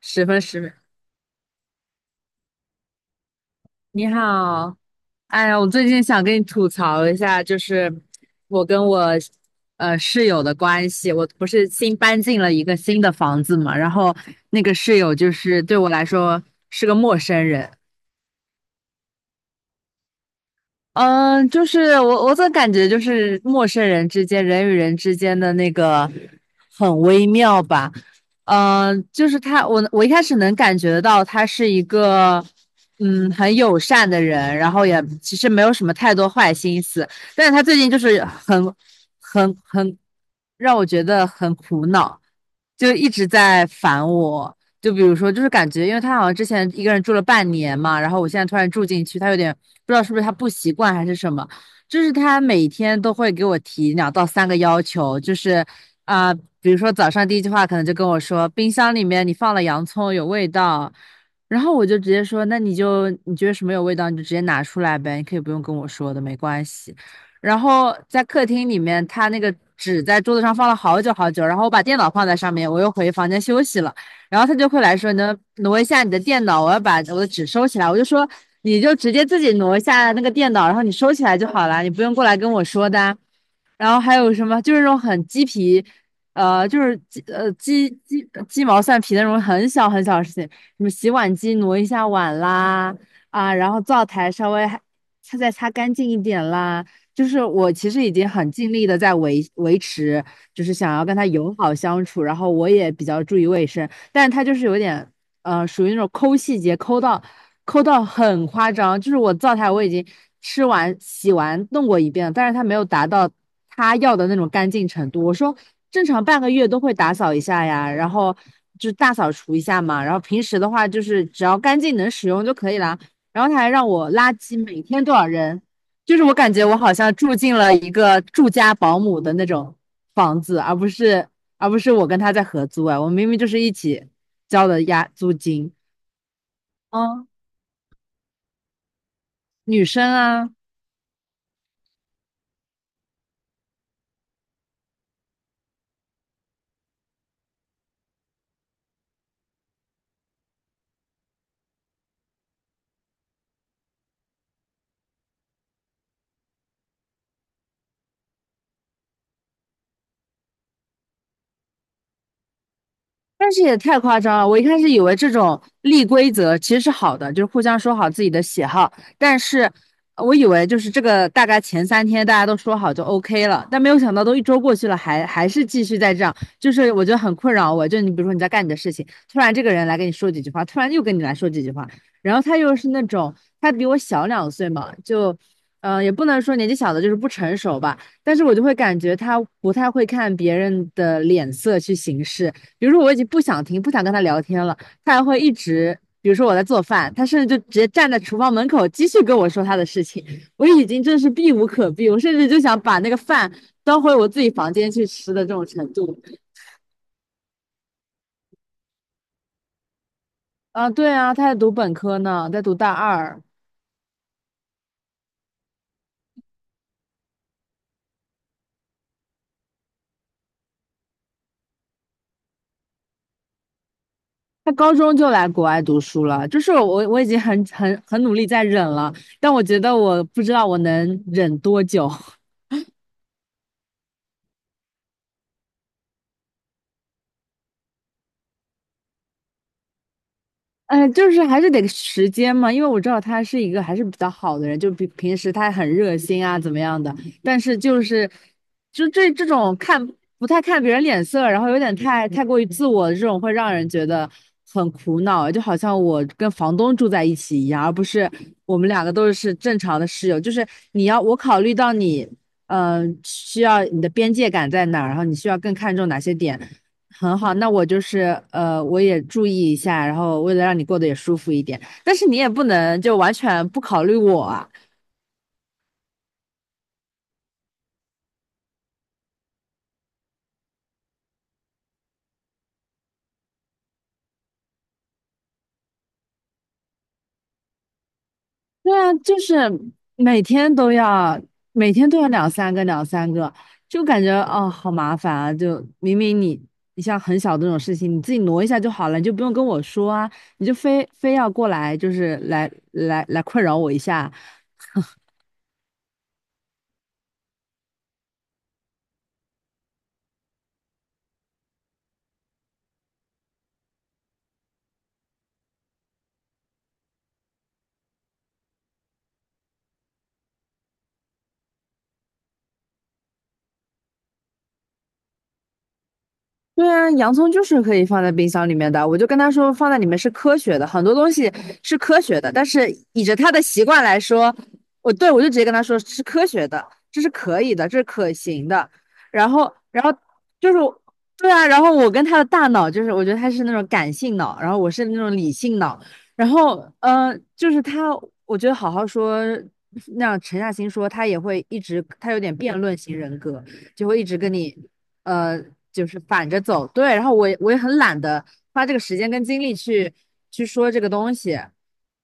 十分十分，你好。哎呀，我最近想跟你吐槽一下，就是我跟我室友的关系。我不是新搬进了一个新的房子嘛，然后那个室友就是对我来说是个陌生人。嗯，就是我总感觉就是陌生人之间，人与人之间的那个很微妙吧。嗯，就是他，我一开始能感觉到他是一个很友善的人，然后也其实没有什么太多坏心思。但是他最近就是很让我觉得很苦恼，就一直在烦我。就比如说，就是感觉，因为他好像之前一个人住了半年嘛，然后我现在突然住进去，他有点不知道是不是他不习惯还是什么。就是他每天都会给我提2到3个要求，就是啊、比如说早上第一句话可能就跟我说，冰箱里面你放了洋葱有味道。然后我就直接说，那你就你觉得什么有味道你就直接拿出来呗，你可以不用跟我说的，没关系。然后在客厅里面，他那个纸在桌子上放了好久好久，然后我把电脑放在上面，我又回房间休息了。然后他就会来说，能挪一下你的电脑，我要把我的纸收起来。我就说，你就直接自己挪一下那个电脑，然后你收起来就好了，你不用过来跟我说的啊。然后还有什么，就是那种很鸡皮，就是鸡毛蒜皮的那种很小很小的事情，什么洗碗机挪一下碗啦，啊，然后灶台稍微还擦干净一点啦。就是我其实已经很尽力的在维持，就是想要跟他友好相处，然后我也比较注意卫生。但是他就是有点属于那种抠细节，抠到很夸张。就是我灶台我已经吃完、洗完、弄过一遍了，但是他没有达到他要的那种干净程度。我说正常半个月都会打扫一下呀，然后就大扫除一下嘛，然后平时的话就是只要干净能使用就可以啦。然后他还让我垃圾每天多少扔，就是我感觉我好像住进了一个住家保姆的那种房子，而不是我跟他在合租啊。我明明就是一起交的押租金。嗯，女生啊。但是也太夸张了！我一开始以为这种立规则其实是好的，就是互相说好自己的喜好。但是我以为就是这个大概前3天大家都说好就 OK 了，但没有想到都一周过去了，还是继续在这样，就是我觉得很困扰我。就你比如说你在干你的事情，突然这个人来跟你说几句话，突然又跟你来说几句话。然后他又是那种，他比我小2岁嘛，就。也不能说年纪小的就是不成熟吧，但是我就会感觉他不太会看别人的脸色去行事。比如说我已经不想听，不想跟他聊天了，他还会一直，比如说我在做饭，他甚至就直接站在厨房门口继续跟我说他的事情。我已经真是避无可避，我甚至就想把那个饭端回我自己房间去吃的这种程度。啊，对啊，他在读本科呢，在读大二。他高中就来国外读书了，就是我已经很努力在忍了，但我觉得我不知道我能忍多久。就是还是得时间嘛，因为我知道他是一个还是比较好的人，就比平时他很热心啊，怎么样的。但是就是，就这种看不太看别人脸色，然后有点太过于自我的这种，会让人觉得很苦恼。就好像我跟房东住在一起一样，而不是我们两个都是正常的室友。就是你要我考虑到你，需要你的边界感在哪儿，然后你需要更看重哪些点。很好，那我就是我也注意一下，然后为了让你过得也舒服一点，但是你也不能就完全不考虑我啊。对啊，就是每天都要，每天都要两三个，就感觉哦，好麻烦啊！就明明你，你像很小的那种事情，你自己挪一下就好了，你就不用跟我说啊。你就非要过来，就是来困扰我一下。对啊，洋葱就是可以放在冰箱里面的。我就跟他说，放在里面是科学的，很多东西是科学的。但是以着他的习惯来说，我就直接跟他说是科学的，这是可以的，这是可行的。然后就是对啊。然后我跟他的大脑就是，我觉得他是那种感性脑，然后我是那种理性脑。然后，就是他，我觉得好好说，那样沉下心说，他也会一直，他有点辩论型人格，就会一直跟你。呃，就是反着走。对，然后我也很懒得花这个时间跟精力去说这个东西，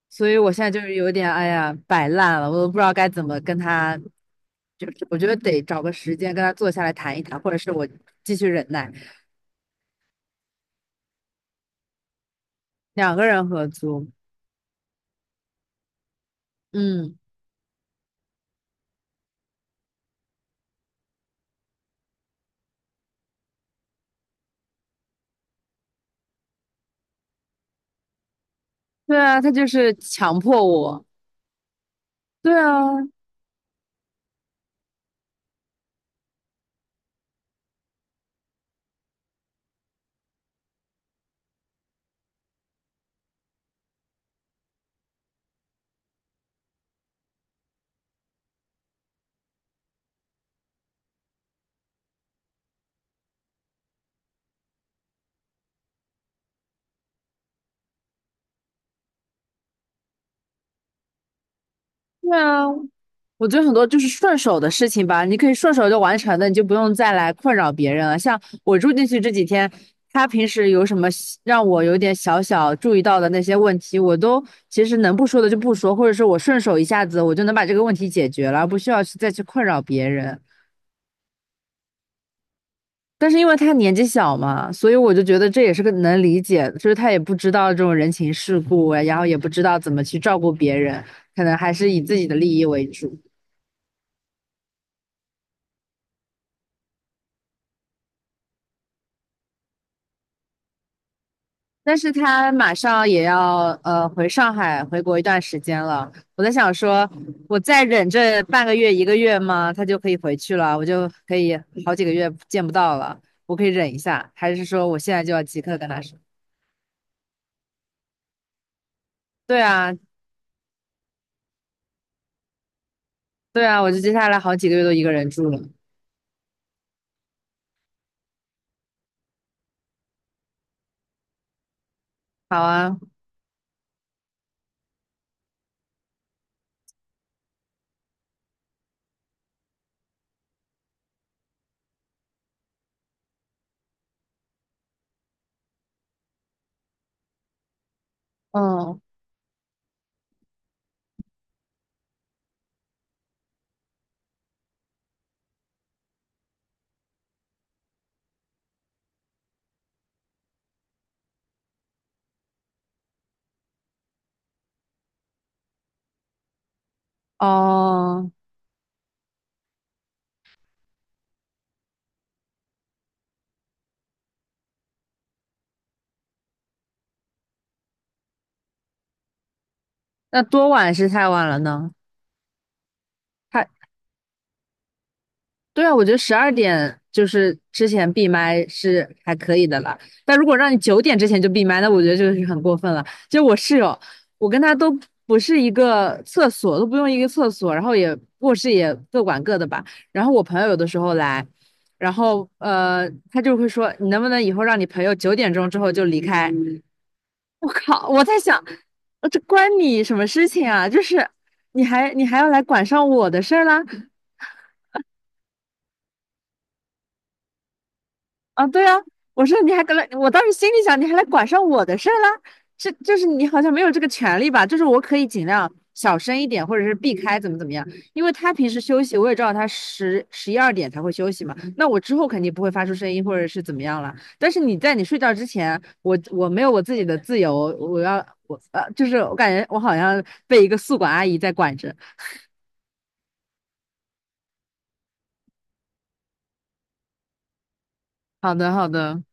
所以我现在就是有点哎呀摆烂了，我都不知道该怎么跟他。就是我觉得得找个时间跟他坐下来谈一谈，或者是我继续忍耐。两个人合租。嗯，对啊，他就是强迫我。对啊，对啊，我觉得很多就是顺手的事情吧，你可以顺手就完成的，你就不用再来困扰别人了。像我住进去这几天，他平时有什么小让我有点小小注意到的那些问题，我都其实能不说的就不说，或者是我顺手一下子我就能把这个问题解决了，不需要去再去困扰别人。但是因为他年纪小嘛，所以我就觉得这也是个能理解，就是他也不知道这种人情世故啊，然后也不知道怎么去照顾别人，可能还是以自己的利益为主。但是他马上也要回上海回国一段时间了，我在想说，我再忍这半个月一个月吗？他就可以回去了，我就可以好几个月见不到了，我可以忍一下，还是说我现在就要即刻跟他说？对啊，对啊，我就接下来好几个月都一个人住了。好啊。嗯。哦，那多晚是太晚了呢？太。对啊，我觉得12点就是之前闭麦是还可以的了，但如果让你九点之前就闭麦，那我觉得这个是很过分了。就我室友，我跟他都不是一个厕所，都不用一个厕所，然后也卧室也各管各的吧。然后我朋友有的时候来，然后他就会说，你能不能以后让你朋友9点钟之后就离开？我靠，我在想，这关你什么事情啊？就是你还要来管上我的事儿啦？啊，对啊，我说你还跟来，我当时心里想，你还来管上我的事儿啦？这就是你好像没有这个权利吧？就是我可以尽量小声一点，或者是避开怎么样，因为他平时休息，我也知道他十一二点才会休息嘛，那我之后肯定不会发出声音或者是怎么样了。但是你在你睡觉之前，我没有我自己的自由，我要我呃，就是我感觉我好像被一个宿管阿姨在管着。好的，好的。